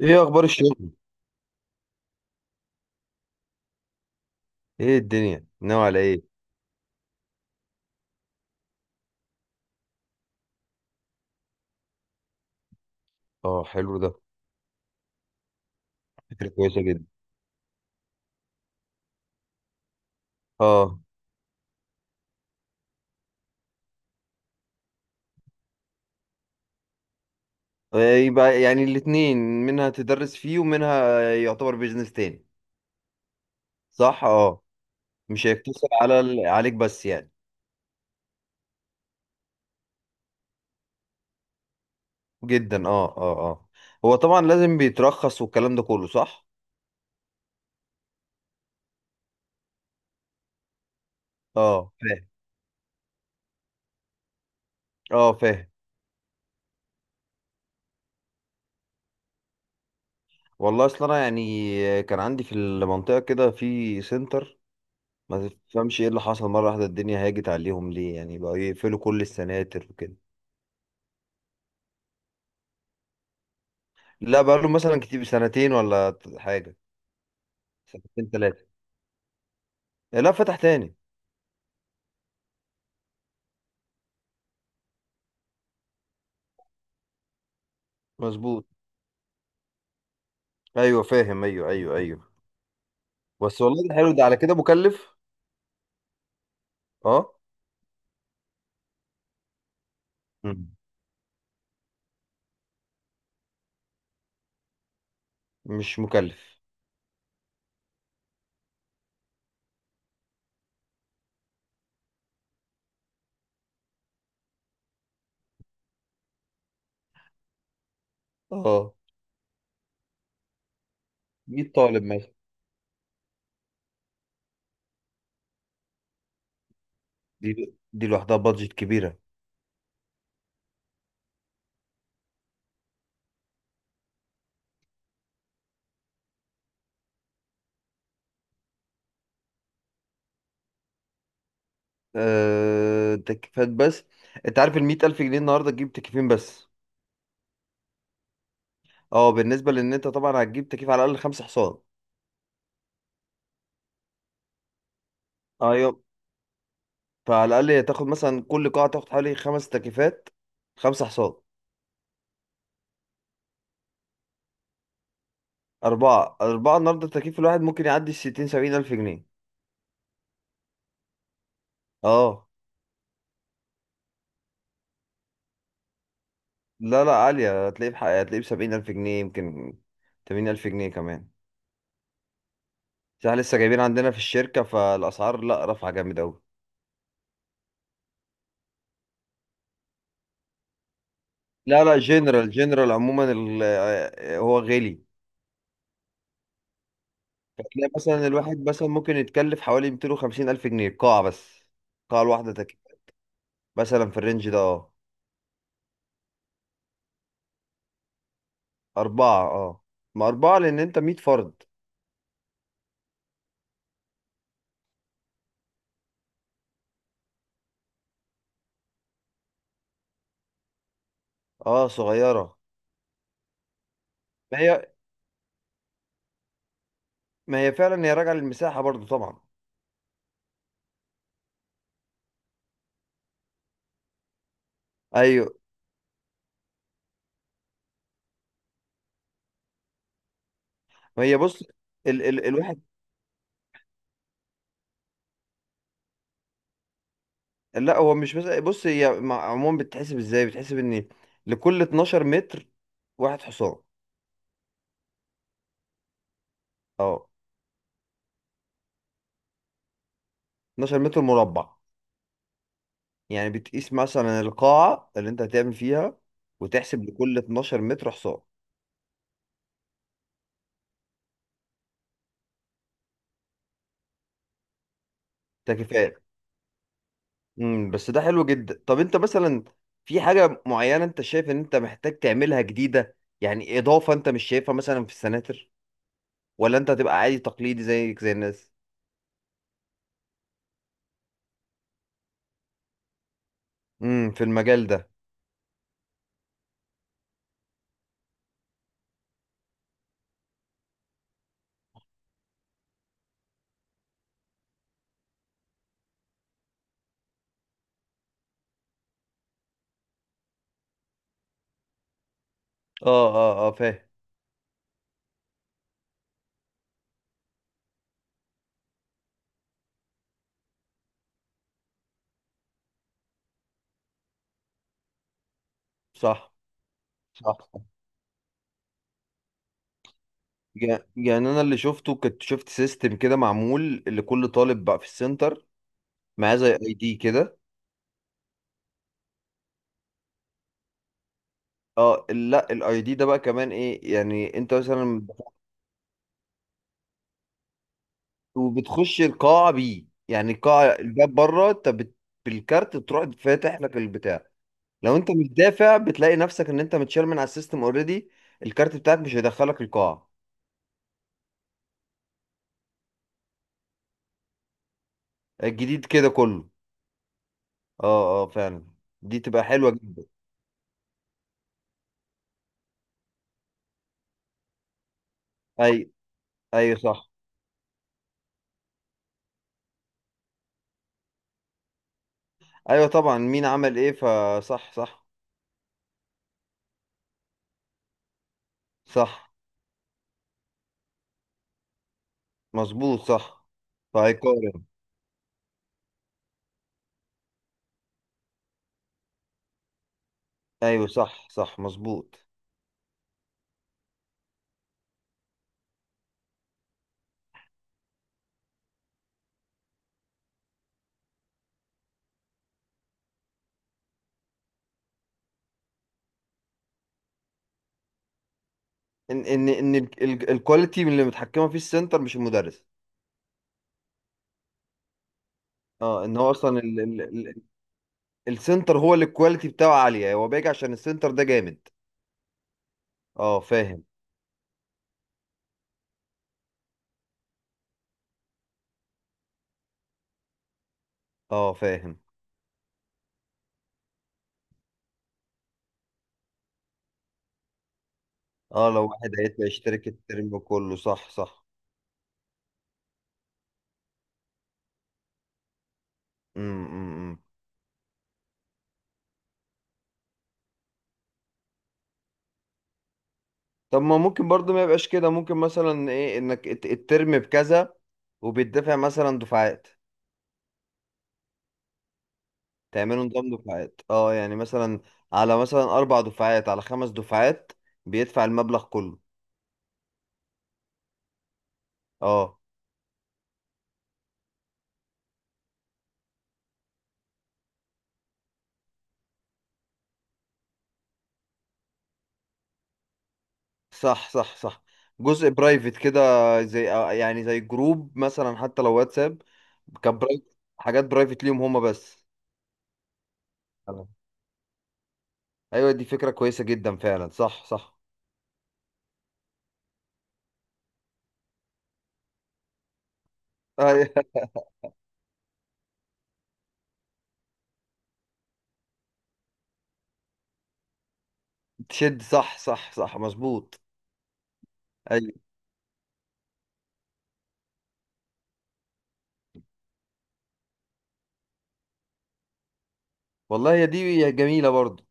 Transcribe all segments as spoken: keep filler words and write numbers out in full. ايه اخبار الشغل؟ ايه الدنيا ناوي على ايه؟ اه، حلو ده. فكرة كويسة جدا. اه. إيه، يبقى يعني الاتنين، منها تدرس فيه ومنها يعتبر بيزنس تاني. صح، اه. مش هيقتصر على ال- عليك بس يعني. جدا، اه، اه، اه. هو طبعا لازم بيترخص والكلام ده كله، صح. اه، فاهم، اه، فاهم. والله اصل انا يعني كان عندي في المنطقة كده في سنتر. ما تفهمش ايه اللي حصل، مرة واحدة الدنيا هاجت عليهم ليه يعني، بقوا يقفلوا كل السناتر وكده. لا، بقاله مثلا كتير، سنتين ولا ت- حاجة. سنتين ثلاثة. لا، فتح تاني. مظبوط. ايوه، فاهم، ايوه، ايوه، ايوه. بس والله ده حلو، ده على كده مكلف. اه. مم. مش مكلف. اه. مية طالب مثلا. دي دي لوحدها بادجت كبيرة. أه... تكييفات بس. انت عارف ال مئة ألف جنيه النهارده تجيب تكييفين بس؟ اه، بالنسبة لان انت طبعا هتجيب تكييف على الاقل خمس حصان. ايوه. فعلى الاقل هتاخد مثلا كل قاعة، تاخد حوالي خمس تكييفات. خمس حصان. أربعة، أربعة النهاردة التكييف الواحد ممكن يعدي الستين سبعين ألف جنيه. اه. لا لا، عالية، هتلاقيه بحق، هتلاقيه بسبعين ألف جنيه يمكن. تمانين ألف جنيه كمان. بس احنا لسه جايبين عندنا في الشركة، فالأسعار لا رافعة جامد أوي. لا لا، جنرال، جنرال عموما ال- آه، هو غالي. فتلاقي مثلا الواحد مثلا ممكن يتكلف حوالي ميتين وخمسين ألف جنيه القاعة بس. القاعة الواحدة تكييف. مثلا في الرينج ده، اه. أربعة، اه. ما أربعة لأن أنت مية فرد. اه، صغيرة. ما هي ما هي فعلا، هي راجعة للمساحة برضو طبعا. ايوه. ما هي بص. ال ال الواحد. لا، هو مش، بس بص، هي مع- عموما بتحسب ازاي، بتحسب ان لكل اتناشر متر واحد حصان. اه. اتناشر متر مربع. يعني بتقيس مثلا القاعة اللي انت هتعمل فيها، وتحسب لكل اتناشر متر حصان. ده كفاية. امم بس ده حلو جدا. طب انت مثلا، في حاجة معينة انت شايف ان انت محتاج تعملها جديدة؟ يعني اضافة انت مش شايفها مثلا في السناتر؟ ولا انت هتبقى عادي تقليدي زيك زي الناس؟ امم في المجال ده. اه، اه، اه، فاهم. صح، صح، صح. يع- يعني انا اللي شفته، كنت شفت سيستم كده معمول لكل طالب بقى في السنتر. معاه زي اي دي كده. اه، لا الاي دي ده بقى كمان ايه يعني انت مثلا؟ وبتخش القاعه بيه، يعني القاعه الباب بره انت بت... بالكارت بتروح فاتح لك البتاع. لو انت مش دافع بتلاقي نفسك ان انت متشال من على السيستم اوريدي. الكارت بتاعك مش هيدخلك القاعه. الجديد كده كله. اه، اه، فعلا. دي تبقى حلوه جدا. اي، ايوه، صح. ايوه طبعا، مين عمل ايه، فصح، صح. صح، مظبوط. صح، فهيقارن. ايوه، صح، صح، مظبوط. ان ان ان ال- ال- الكواليتي اللي متحكمه فيه السنتر مش المدرس. اه، ان هو اصلا ال ال ال السنتر هو اللي الكواليتي بتاعه عاليه، هو بيجي عشان السنتر ده جامد. اه، فاهم، اه، فاهم. اه، لو واحد هيبقى يشترك الترم كله، صح، صح. امم إمم، إمم. طب ما ممكن برضو ما يبقاش كده، ممكن مثلا ايه، انك الت- الترم بكذا وبيدفع مثلا دفعات. تعملوا نظام دفعات، اه يعني مثلا، على مثلا اربع دفعات، على خمس دفعات، بيدفع المبلغ كله. اه. صح، صح، صح. جزء برايفت كده، زي آه، يعني زي جروب مثلا حتى لو واتساب، كبرايفت، حاجات برايفت ليهم هما بس. تمام. ايوه دي فكرة كويسة جدا فعلا، صح، صح. أيوة. تشد، صح، صح، صح، مظبوط. ايوه. والله هي دي، هي جميلة برضه.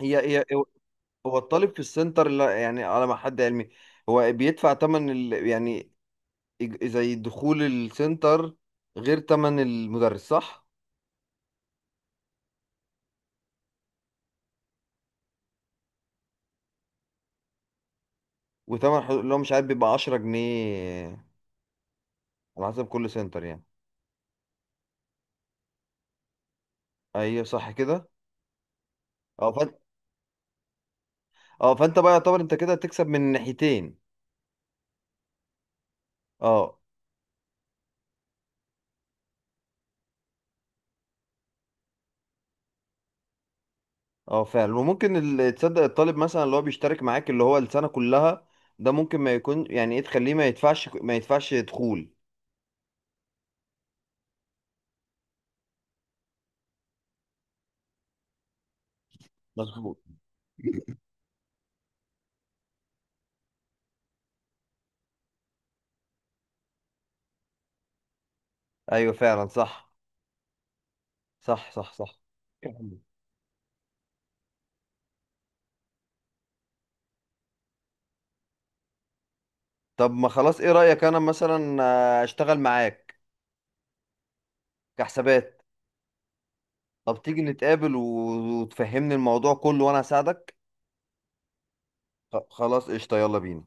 هي هي هو الطالب في السنتر، لا يعني على ما حد علمي، هو بيدفع تمن ال... يعني إج- زي دخول السنتر، غير تمن المدرس، صح. وتمن حضور اللي هو مش عارف، بيبقى عشرة جنيه. على حسب كل سنتر يعني. ايوه، صح كده. اه، فانت، اه، فانت بقى يعتبر انت كده هتكسب من ناحيتين. اه. اه، فعلا، وممكن ال- تصدق، الطالب مثلا اللي هو بيشترك معاك اللي هو السنة كلها، ده ممكن ما يكون يعني ايه، تخليه ما يدفعش ما يدفعش دخول. مظبوط. ايوه فعلا، صح. صح، صح، صح. طب ما خلاص، ايه رأيك انا مثلا آه، اشتغل معاك كحسابات. طب تيجي نتقابل و- وتفهمني الموضوع كله وانا اساعدك. خ- خلاص، قشطة، يلا بينا.